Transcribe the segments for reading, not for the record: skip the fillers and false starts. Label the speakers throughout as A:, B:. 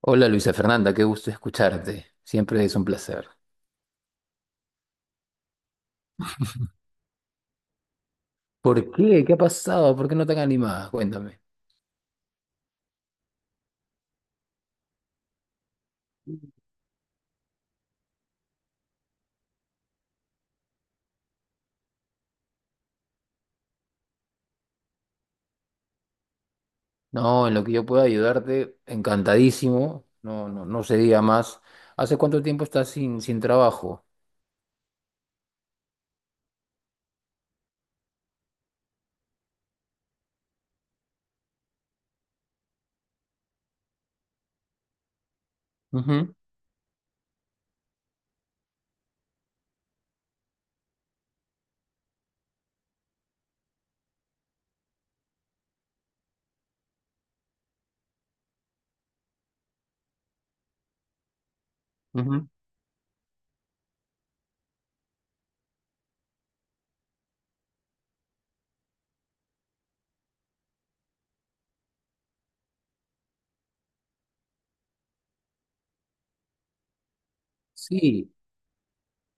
A: Hola Luisa Fernanda, qué gusto escucharte. Siempre es un placer. ¿Por qué? ¿Qué ha pasado? ¿Por qué no tan animada? Cuéntame. No, en lo que yo pueda ayudarte, encantadísimo. No, no, no se diga más. ¿Hace cuánto tiempo estás sin trabajo? Ujú, ujú. Sí.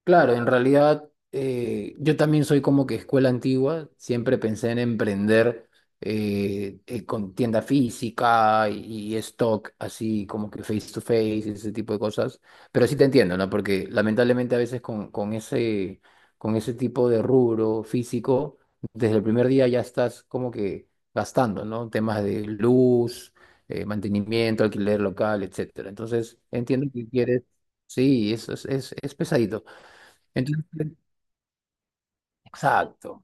A: Claro, en realidad yo también soy como que escuela antigua, siempre pensé en emprender con tienda física y stock, así como que face to face, ese tipo de cosas, pero sí te entiendo, ¿no? Porque lamentablemente a veces con ese, con ese tipo de rubro físico, desde el primer día ya estás como que gastando, ¿no? Temas de luz, mantenimiento, alquiler local, etcétera. Entonces entiendo que quieres, sí, eso es, es pesadito. Entonces, exacto.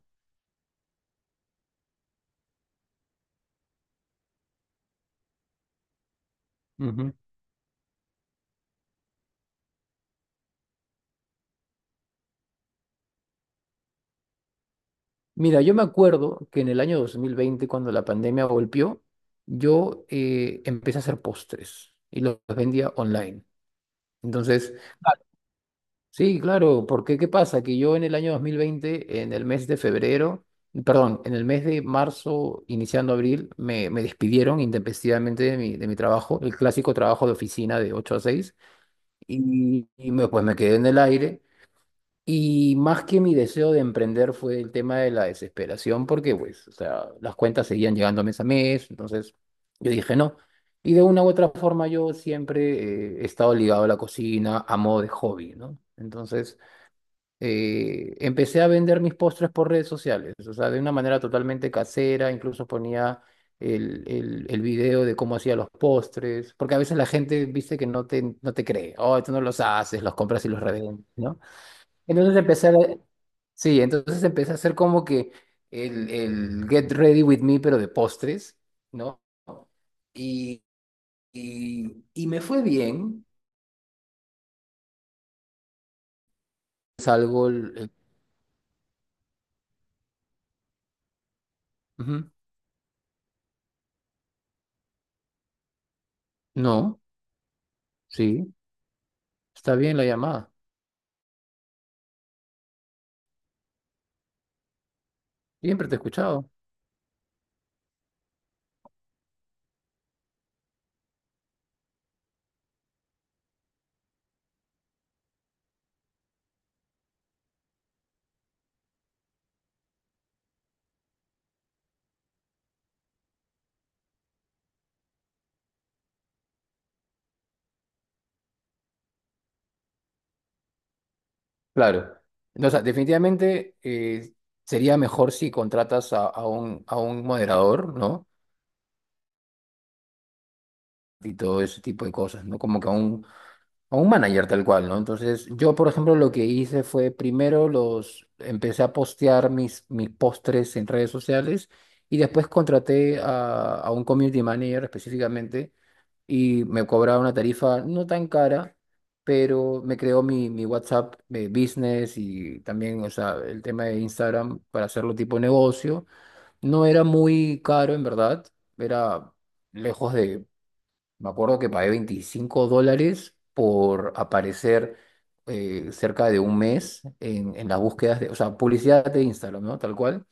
A: Ujú. Mira, yo me acuerdo que en el año 2020, cuando la pandemia golpeó, yo empecé a hacer postres y los vendía online. Entonces, sí, claro, porque ¿qué pasa? Que yo en el año 2020, en el mes de febrero, perdón, en el mes de marzo, iniciando abril, me despidieron intempestivamente de de mi trabajo, el clásico trabajo de oficina de 8 a 6, y, pues me quedé en el aire. Y más que mi deseo de emprender fue el tema de la desesperación, porque pues, o sea, las cuentas seguían llegando mes a mes, entonces yo dije no. Y de una u otra forma yo siempre he estado ligado a la cocina a modo de hobby, ¿no? Entonces empecé a vender mis postres por redes sociales, o sea, de una manera totalmente casera, incluso ponía el video de cómo hacía los postres, porque a veces la gente, viste, que no no te cree, oh, tú no los haces, los compras y los revendes, ¿no? Entonces empecé a, sí, entonces empecé a hacer como que el Get Ready With Me, pero de postres, ¿no? Y, y me fue bien. Salgo el, el- Ujú. No, sí, está bien la llamada. Siempre te he escuchado. Claro. No, o sea, definitivamente sería mejor si contratas a un moderador, ¿no? Y todo ese tipo de cosas, ¿no? Como que a un, A un manager tal cual, ¿no? Entonces, yo, por ejemplo, lo que hice fue primero los empecé a postear mis postres en redes sociales y después contraté a un community manager específicamente y me cobraba una tarifa no tan cara, pero me creó mi WhatsApp business y también, o sea, el tema de Instagram para hacerlo tipo negocio. No era muy caro, en verdad, era lejos de me acuerdo que pagué $25 por aparecer cerca de un mes en las búsquedas de, o sea, publicidad de Instagram, ¿no? Tal cual.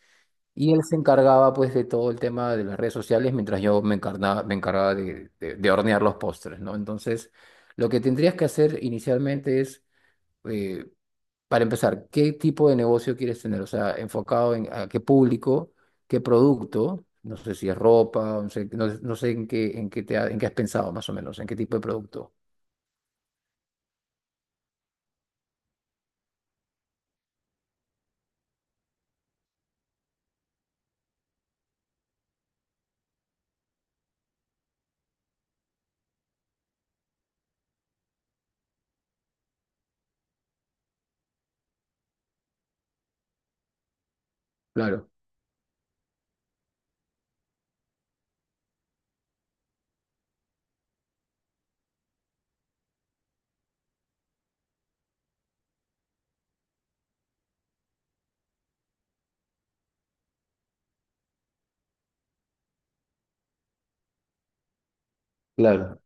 A: Y él se encargaba pues de todo el tema de las redes sociales mientras me encargaba de hornear los postres, ¿no? Entonces, lo que tendrías que hacer inicialmente es, eh, para empezar, ¿qué tipo de negocio quieres tener? O sea, enfocado en a qué público, qué producto, no sé si es ropa, no sé, no sé en qué, en qué has pensado más o menos, en qué tipo de producto. Claro. Claro,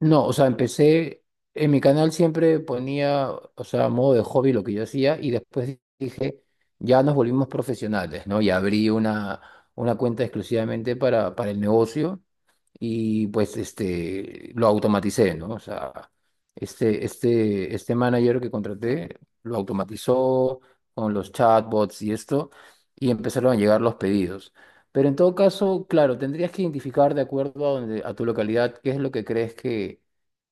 A: no, o sea, empecé, en mi canal siempre ponía, o sea, a modo de hobby lo que yo hacía y después dije, ya nos volvimos profesionales, ¿no? Y abrí una cuenta exclusivamente para el negocio y pues este, lo automaticé, ¿no? O sea, este manager que contraté lo automatizó con los chatbots y esto, y empezaron a llegar los pedidos. Pero en todo caso, claro, tendrías que identificar de acuerdo a donde, a tu localidad qué es lo que crees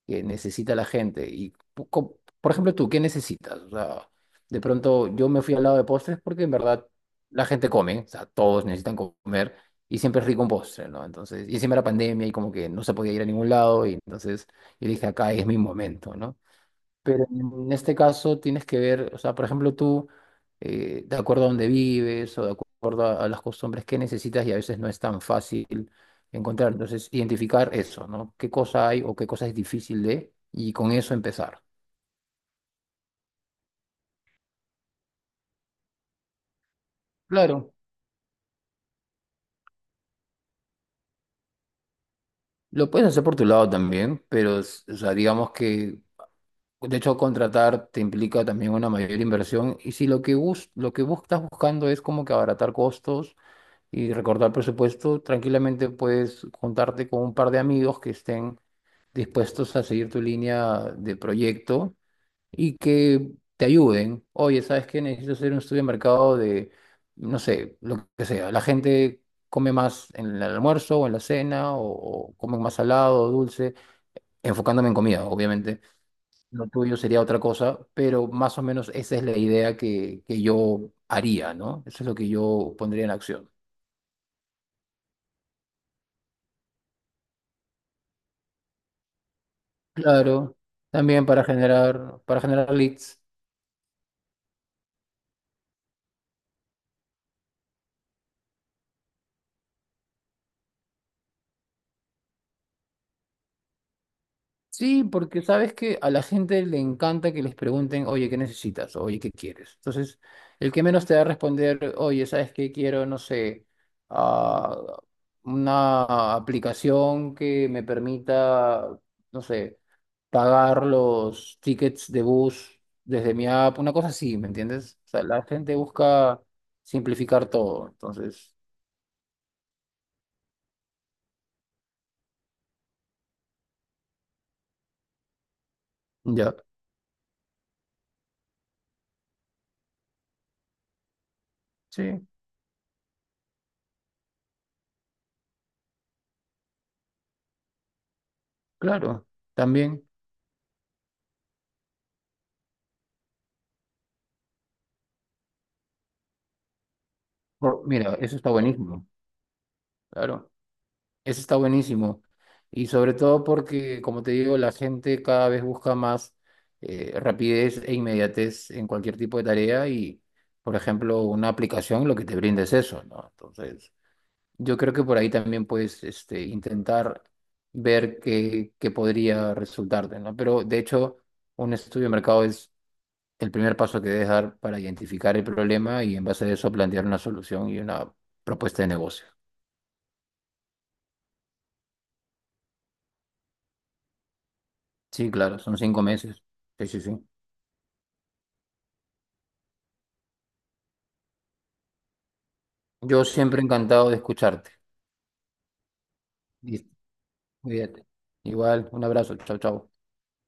A: que necesita la gente. Y, por ejemplo, tú, ¿qué necesitas? O sea, de pronto yo me fui al lado de postres porque en verdad la gente come, o sea, todos necesitan comer y siempre es rico un postre, ¿no? Entonces, y encima era pandemia y como que no se podía ir a ningún lado, y entonces yo dije, acá es mi momento, ¿no? Pero en este caso tienes que ver, o sea, por ejemplo, tú, de acuerdo a dónde vives o de acuerdo a las costumbres que necesitas, y a veces no es tan fácil encontrar, entonces, identificar eso, ¿no? ¿Qué cosa hay o qué cosa es difícil de, y con eso empezar. Claro. Lo puedes hacer por tu lado también, pero, o sea, digamos que de hecho, contratar te implica también una mayor inversión. Y si lo que estás buscando es como que abaratar costos y recortar presupuesto, tranquilamente puedes juntarte con un par de amigos que estén dispuestos a seguir tu línea de proyecto y que te ayuden. Oye, ¿sabes qué? Necesito hacer un estudio de mercado de, no sé, lo que sea. La gente come más en el almuerzo o en la cena o come más salado o dulce, enfocándome en comida, obviamente. Lo tuyo sería otra cosa, pero más o menos esa es la idea que yo haría, ¿no? Eso es lo que yo pondría en acción. Claro, también para generar leads. Sí, porque sabes que a la gente le encanta que les pregunten, oye, ¿qué necesitas? Oye, ¿qué quieres? Entonces, el que menos te va a responder, oye, ¿sabes qué quiero? No sé, ah, una aplicación que me permita, no sé. Pagar los tickets de bus desde mi app, una cosa así, ¿me entiendes? O sea, la gente busca simplificar todo, entonces, ya, sí, claro, también, mira, eso está buenísimo, claro, eso está buenísimo, y sobre todo porque, como te digo, la gente cada vez busca más rapidez e inmediatez en cualquier tipo de tarea y, por ejemplo, una aplicación lo que te brinda es eso, ¿no? Entonces... Yo creo que por ahí también puedes este, intentar ver qué podría resultarte, ¿no? Pero de hecho, un estudio de mercado es el primer paso que debes dar para identificar el problema y en base a eso plantear una solución y una propuesta de negocio. Sí, claro, son 5 meses. Sí, sí, sí. Yo siempre encantado de escucharte. Listo, cuídate. Igual, un abrazo. Chao, chao.